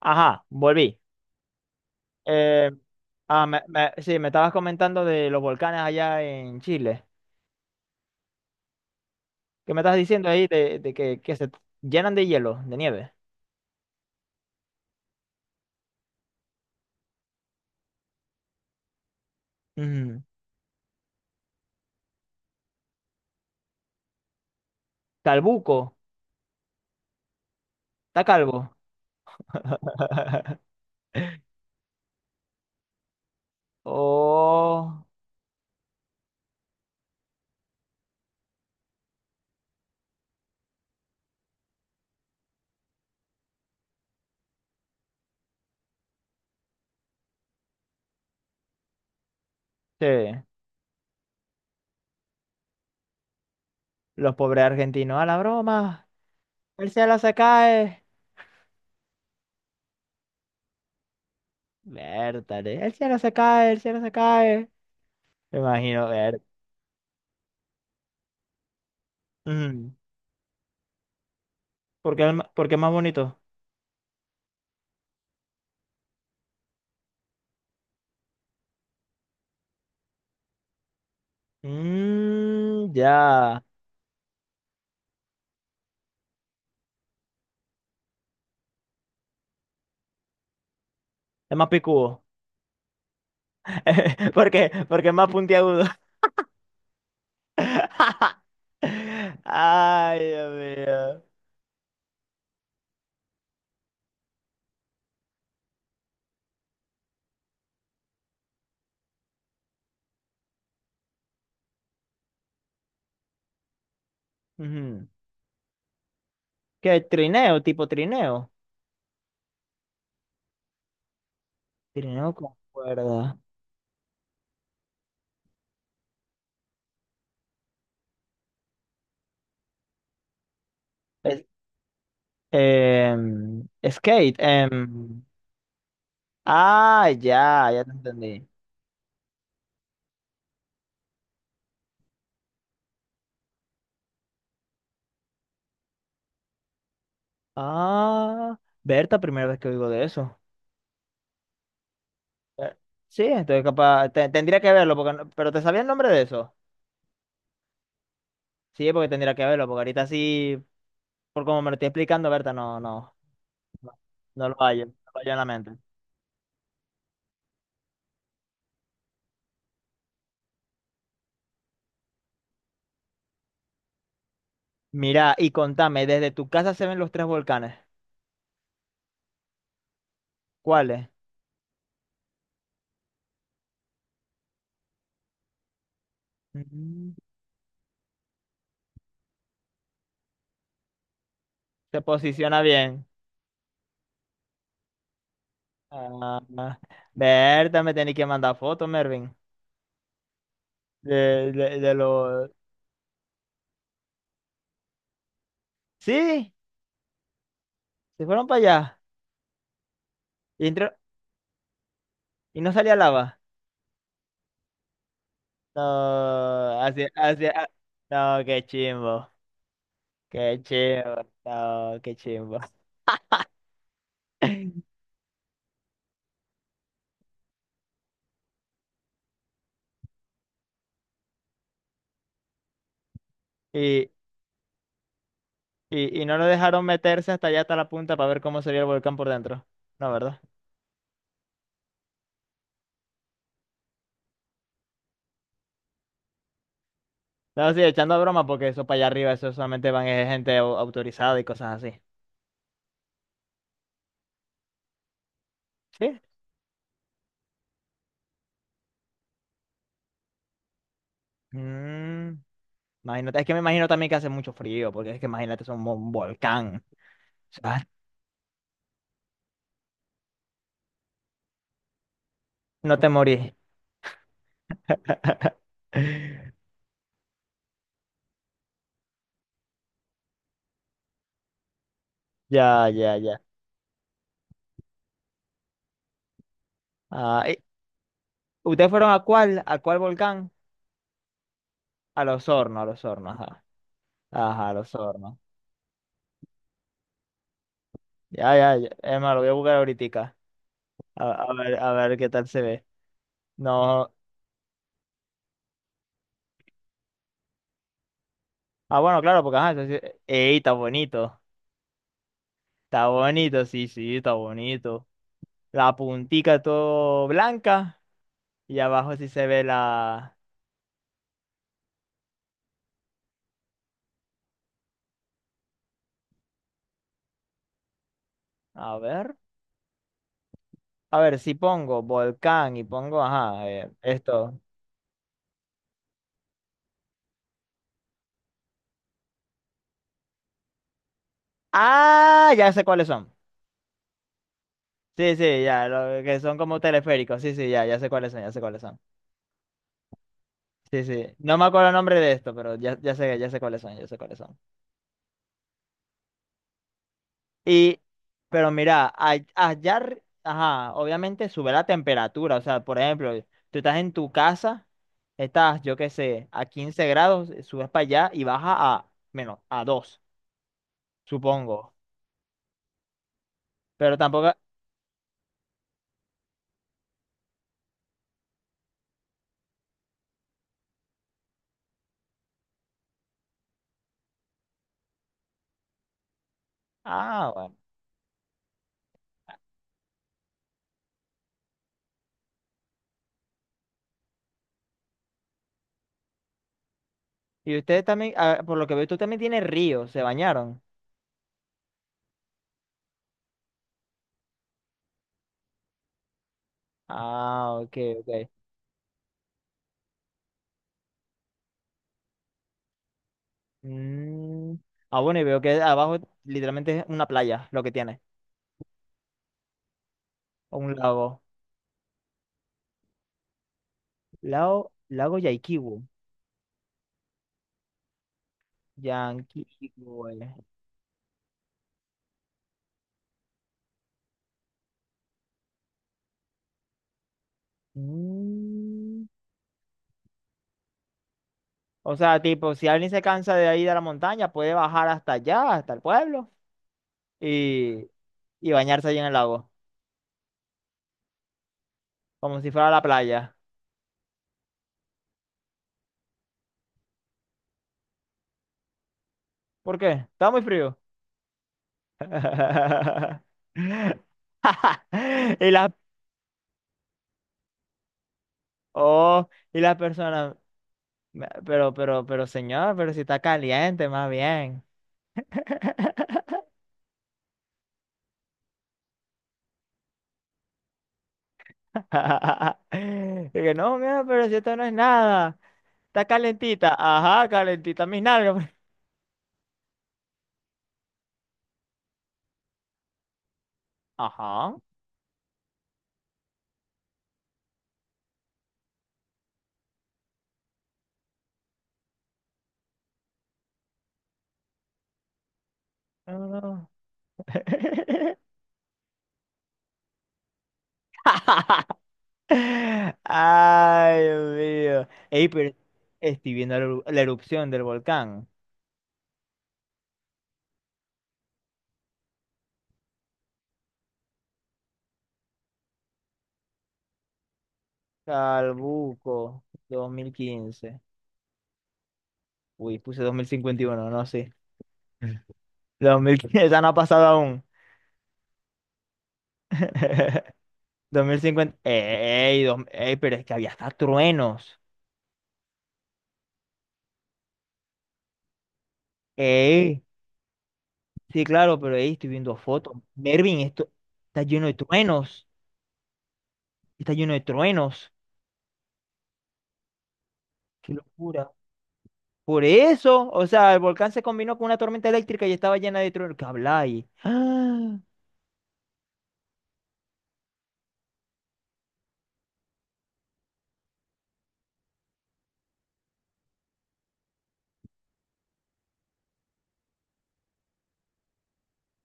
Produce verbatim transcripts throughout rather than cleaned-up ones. Ajá, volví. Eh, ah, me- me- sí, me estabas comentando de los volcanes allá en Chile. ¿Qué me estás diciendo ahí de, de que, que se llenan de hielo, de nieve? Mm. Calbuco, está calvo. Oh, sí. Los pobres argentinos a la broma. El cielo se cae. Vértale. El cielo se cae, el cielo se cae. Me imagino, ver. Mm. ¿Por qué, el ma- por qué es más bonito? Mm, ya. Es más picudo. Porque, porque es más puntiagudo. Ay, Dios mío. Ujú. ¿Qué? Trineo, tipo trineo. Trineo con cuerda. Es- em, skate. em. Ah, ya, ya te entendí. Ah, Berta, primera vez que oigo de eso. Eh, Sí, entonces capaz, te- tendría que verlo, porque no- pero ¿te sabía el nombre de eso? Sí, porque tendría que verlo, porque ahorita sí, por como me lo estoy explicando, Berta, no, no, no, no lo hallo, no lo hallo en la mente. Mira, y contame, desde tu casa se ven los tres volcanes. ¿Cuáles? Mm, Se posiciona bien. Ah, ah. Berta, me tenés que mandar fotos, Mervin. De, de, de los. Sí, se fueron para allá. Y, entró- y no salía lava. No, así, así, ah, no, qué chimbo. Qué chimbo. No, qué chimbo. Y, y, y no lo dejaron meterse hasta allá, hasta la punta, para ver cómo sería el volcán por dentro. No, ¿verdad? No, sí, echando broma, porque eso para allá arriba, eso solamente van eh, gente au- autorizada y cosas así. Sí. Mm, imagínate, es que me imagino también que hace mucho frío, porque es que imagínate, es un, mo- un volcán. O sea, no te morís. Ya, ya, ya. Ah, y- ¿ustedes fueron a cuál? ¿A cuál volcán? A Los Hornos, a Los Hornos, ajá. Ajá, a Los Hornos. Ya, ya, ya. Es más, lo voy a buscar ahorita. A, a ver, a ver qué tal se ve. No. Ah, bueno, claro, porque ajá, eso sí- Ey, está bonito. Está bonito, sí, sí, está bonito. La puntica todo blanca y abajo sí se ve la. A ver, a ver, si pongo volcán y pongo, ajá, eh, esto. Ah, ya sé cuáles son. Sí, sí, ya, lo que son como teleféricos. Sí, sí, ya, ya sé cuáles son, ya sé cuáles son. Sí, sí. No me acuerdo el nombre de esto, pero ya, ya sé, ya sé cuáles son, ya sé cuáles son. Y, pero mira, a- allá, arri- ajá, obviamente sube la temperatura. O sea, por ejemplo, tú estás en tu casa, estás, yo qué sé, a quince grados, eh, subes para allá y baja a menos, a dos supongo. Pero tampoco. Ah, bueno. Y ustedes también, ah, por lo que veo, tú también tienes río, se bañaron. Ah, ok, ok. Mm, Ah, bueno, y veo que abajo literalmente es una playa lo que tiene, o un lago. Lago, lago Yaikibu. Yanquiwe. Mm. O sea, tipo, si alguien se cansa de ahí de la montaña, puede bajar hasta allá, hasta el pueblo, y, y bañarse allí en el lago, como si fuera la playa. ¿Por qué? Está muy frío. Y las, oh, y las personas, "Me- pero, pero, pero señor, pero si está caliente, más bien. Y que no, mira, pero si esto no es nada, está calentita. Ajá, calentita mis nalgas. Ajá. No, no. No. Ay, Dios mío. Ey, pero estoy viendo la eru- la erupción del volcán. Calbuco, dos mil quince. Uy, puse dos mil cincuenta y uno, no sé. Dos mil quince, esa no ha pasado aún. dos mil cincuenta. Ey, dos- ey, pero es que había hasta truenos. Ey, sí, claro, pero ey, estoy viendo fotos. Mervin, esto está lleno de truenos. Está lleno de truenos. Qué locura. Por eso, o sea, el volcán se combinó con una tormenta eléctrica y estaba llena de truenos. ¿Qué habláis? ¡Ah!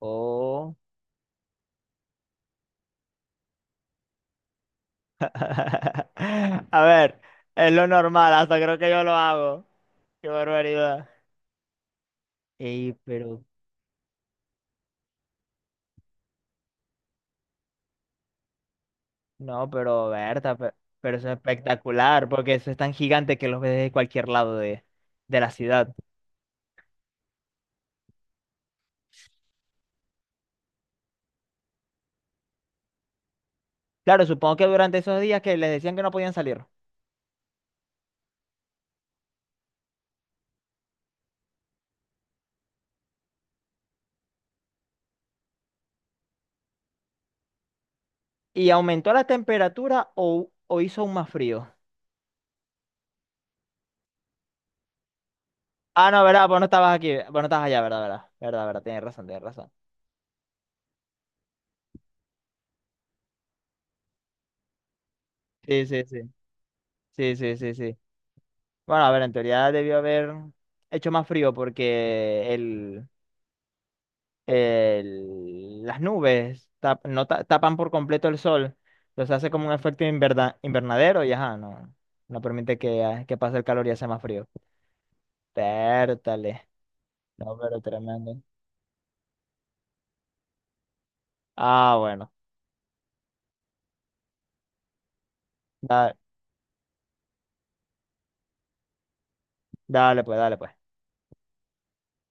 Oh. A ver, es lo normal, hasta creo que yo lo hago. Qué barbaridad. Ey, pero, no, pero Berta, pe- pero, eso es espectacular, porque eso es tan gigante que los ves desde cualquier lado de, de la ciudad. Claro, supongo que durante esos días que les decían que no podían salir. ¿Y aumentó la temperatura o, o hizo aún más frío? Ah, no, verdad, vos no estabas aquí. Vos no estabas allá, verdad, verdad. Verdad, verdad, tienes razón, tienes razón. Sí, sí, sí. Sí, sí, sí, sí. Bueno, a ver, en teoría debió haber hecho más frío porque el, el, las nubes tap- no ta- tapan por completo el sol. Entonces hace como un efecto inverda- invernadero y ajá, no, no permite que, ah, que pase el calor y hace más frío. Pértale. No, pero tremendo. Ah, bueno. Da- dale, pues, dale, pues.